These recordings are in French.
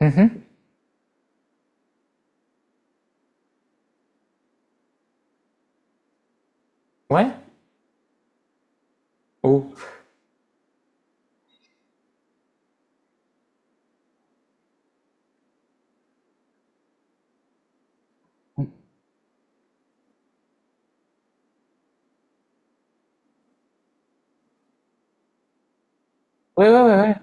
Mhm. Ouais. Oh. Ouais, ouais, ouais, ouais.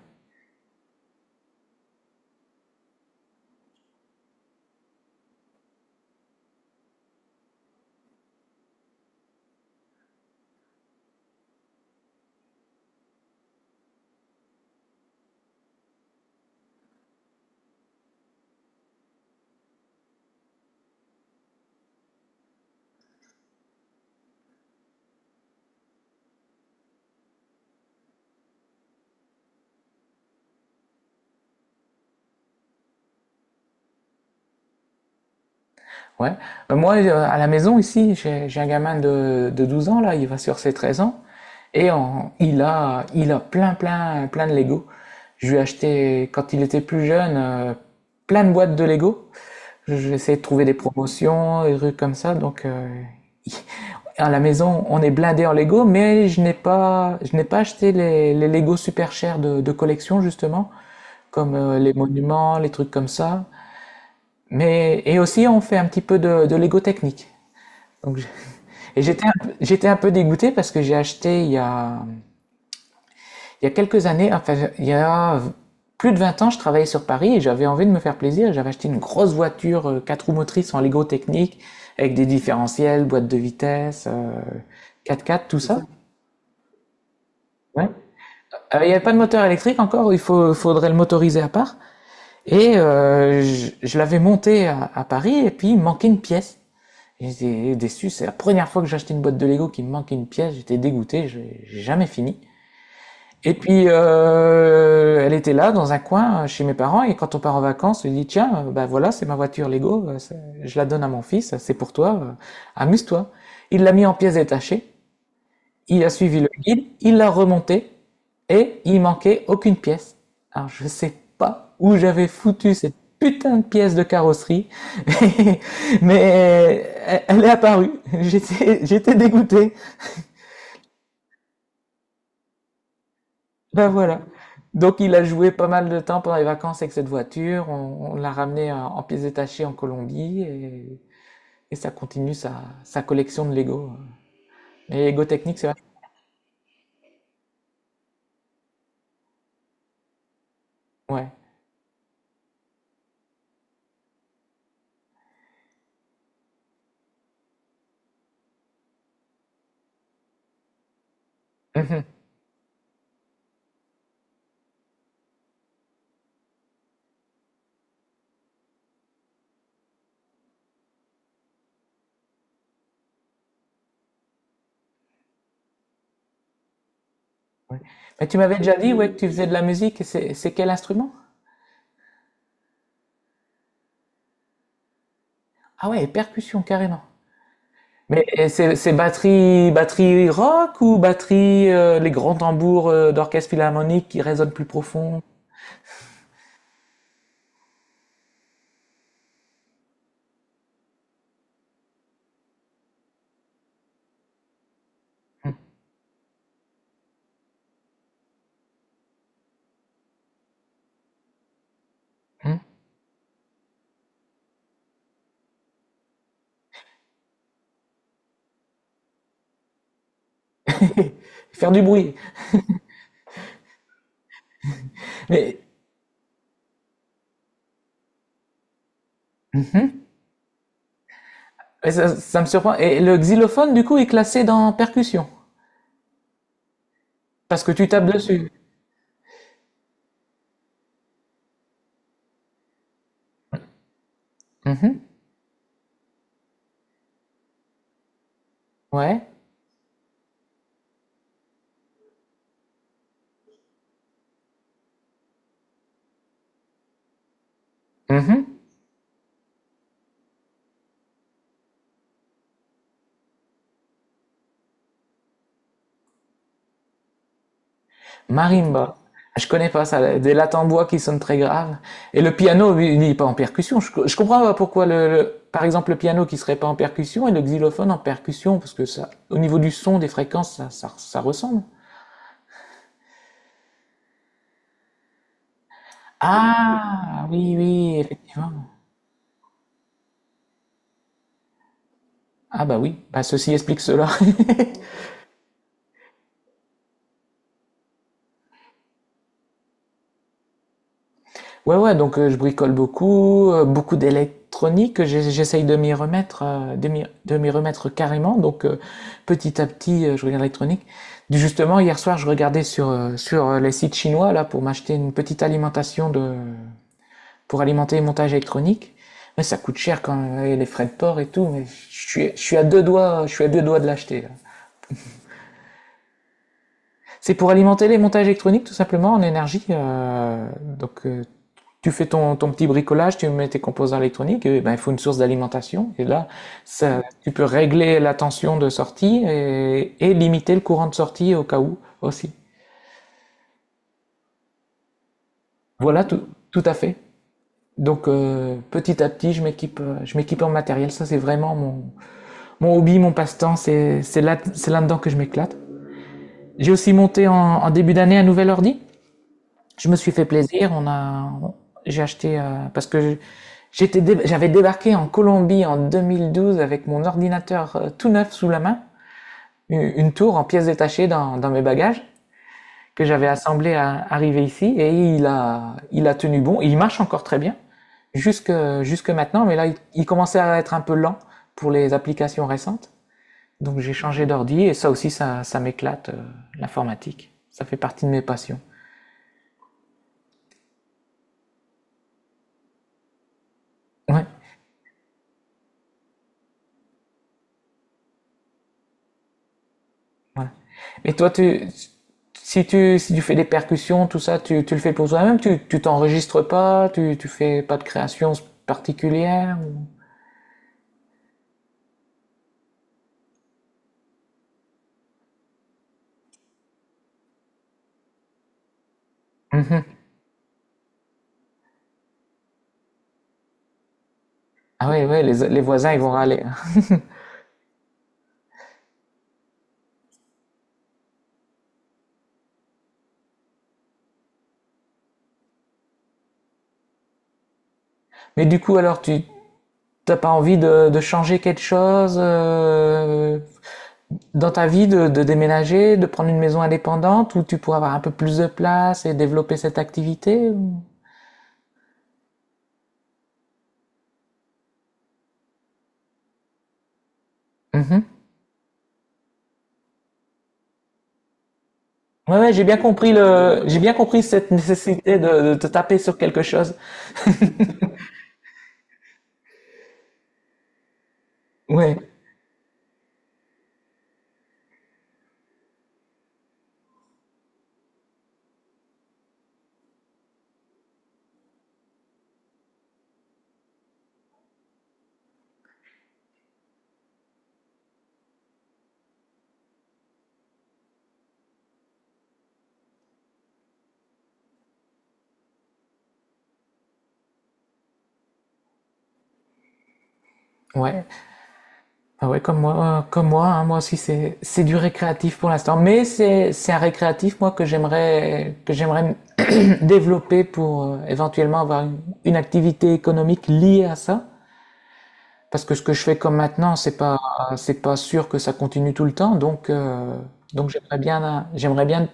Ouais. Moi, à la maison, ici, j'ai un gamin de 12 ans, là, il va sur ses 13 ans, il a plein, plein, plein de Lego. Je lui ai acheté, quand il était plus jeune, plein de boîtes de Lego. J'ai essayé de trouver des promotions, des trucs comme ça, donc à la maison, on est blindé en Lego, mais je n'ai pas acheté les Lego super chers de collection, justement, comme les monuments, les trucs comme ça. Mais et aussi on fait un petit peu de Lego technique. Donc je- et j'étais un peu dégoûté parce que j'ai acheté il y a quelques années, enfin il y a plus de 20 ans, je travaillais sur Paris et j'avais envie de me faire plaisir. J'avais acheté une grosse voiture quatre roues motrices en Lego technique avec des différentiels, boîte de vitesse, 4x4, tout ça. Ouais. Il n'y avait pas de moteur électrique encore, faudrait le motoriser à part. Je l'avais monté à Paris, et puis il manquait une pièce. J'étais déçu, c'est la première fois que j'achetais une boîte de Lego qui me manquait une pièce, j'étais dégoûté, j'ai jamais fini. Et puis elle était là dans un coin chez mes parents, et quand on part en vacances, on lui dit tiens, ben voilà, c'est ma voiture Lego, je la donne à mon fils, c'est pour toi, amuse-toi. Il l'a mis en pièces détachées, il a suivi le guide, il l'a remonté, et il manquait aucune pièce. Alors je sais pas où j'avais foutu cette putain de pièce de carrosserie, mais elle est apparue. J'étais dégoûté. Ben voilà. Donc il a joué pas mal de temps pendant les vacances avec cette voiture. On l'a ramenée en pièces détachées en Colombie, et ça continue sa collection de Lego. Les Lego technique, c'est vrai. Ouais. Mhm. Ouais. Mais tu m'avais déjà dit, ouais, que tu faisais de la musique, et c'est quel instrument? Ah ouais, percussion, carrément. Mais et c'est batterie, batterie rock, ou batterie, les grands tambours d'orchestre philharmonique qui résonnent plus profond? Hmm. Faire du bruit. Mais. Mhm. Mais ça me surprend. Et le xylophone, du coup, est classé dans percussion, parce que tu tapes dessus. Mhm. Ouais. Mhm. Marimba. Je connais pas ça, des lattes en bois qui sonnent très graves. Et le piano, lui, il n'est pas en percussion. Je comprends pas pourquoi, par exemple, le piano qui serait pas en percussion et le xylophone en percussion, parce que ça, au niveau du son, des fréquences, ça ressemble. Ah, oui, oui, effectivement. Ah bah oui, bah ceci explique cela. Ouais, ouais, donc je bricole beaucoup, beaucoup d'électronique, j'essaye de m'y remettre, de m'y remettre carrément, donc petit à petit je regarde l'électronique. Justement, hier soir je regardais sur les sites chinois là pour m'acheter une petite alimentation pour alimenter les montages électroniques, mais ça coûte cher quand même, et les frais de port et tout, mais je suis à deux doigts, je suis à deux doigts de l'acheter là. C'est pour alimenter les montages électroniques tout simplement en énergie. Donc tu fais ton petit bricolage, tu mets tes composants électroniques, et ben, il faut une source d'alimentation. Et là, ça, tu peux régler la tension de sortie et limiter le courant de sortie au cas où aussi. Voilà, tout à fait. Donc petit à petit, je m'équipe, je m'équipe en matériel. Ça, c'est vraiment mon hobby, mon passe-temps. C'est là, c'est là-dedans que je m'éclate. J'ai aussi monté en début d'année un nouvel ordi. Je me suis fait plaisir. J'ai acheté parce que j'avais débarqué en Colombie en 2012 avec mon ordinateur tout neuf sous la main, une tour en pièces détachées dans mes bagages, que j'avais assemblé à arriver ici, et il a tenu bon. Il marche encore très bien jusque, jusque maintenant, mais là il commençait à être un peu lent pour les applications récentes. Donc j'ai changé d'ordi, et ça aussi ça m'éclate, l'informatique. Ça fait partie de mes passions. Ouais, voilà. Et toi, si tu fais des percussions, tout ça, tu le fais pour toi-même, tu t'enregistres pas, tu fais pas de création particulière? Mhm. Ah oui, ouais. Les voisins, ils vont râler. Mais du coup, alors, tu t'as pas envie de changer quelque chose dans ta vie, de déménager, de prendre une maison indépendante où tu pourras avoir un peu plus de place et développer cette activité? Mhm. Ouais, ouais, j'ai bien compris cette nécessité de te taper sur quelque chose. Ouais. Ouais, ah ouais, comme moi, hein, moi aussi c'est du récréatif pour l'instant, mais c'est un récréatif moi que j'aimerais développer pour éventuellement avoir une activité économique liée à ça, parce que ce que je fais comme maintenant c'est pas sûr que ça continue tout le temps, donc j'aimerais bien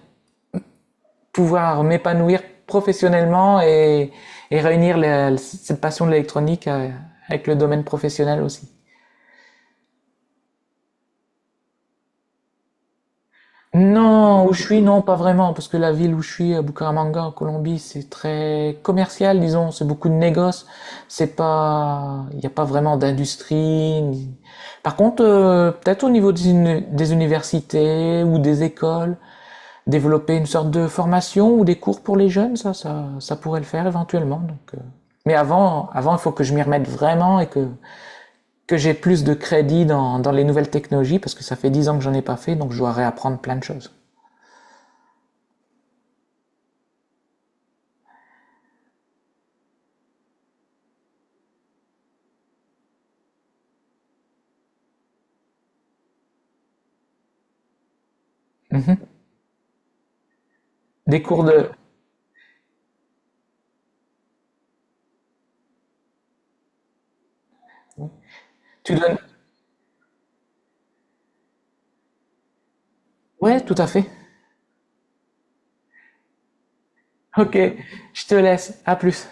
pouvoir m'épanouir professionnellement et réunir cette passion de l'électronique avec le domaine professionnel aussi. Non, où je suis, non, pas vraiment, parce que la ville où je suis, à Bucaramanga, en Colombie, c'est très commercial, disons, c'est beaucoup de négoces, c'est pas, il n'y a pas vraiment d'industrie. Par contre, peut-être au niveau des universités ou des écoles, développer une sorte de formation ou des cours pour les jeunes, ça pourrait le faire éventuellement. Mais avant, il faut que je m'y remette vraiment et que j'ai plus de crédit dans les nouvelles technologies, parce que ça fait 10 ans que j'en ai pas fait, donc je dois réapprendre plein de choses. Mhm. Des cours de... Tu donnes... Ouais, tout à fait. Ok, je te laisse. À plus.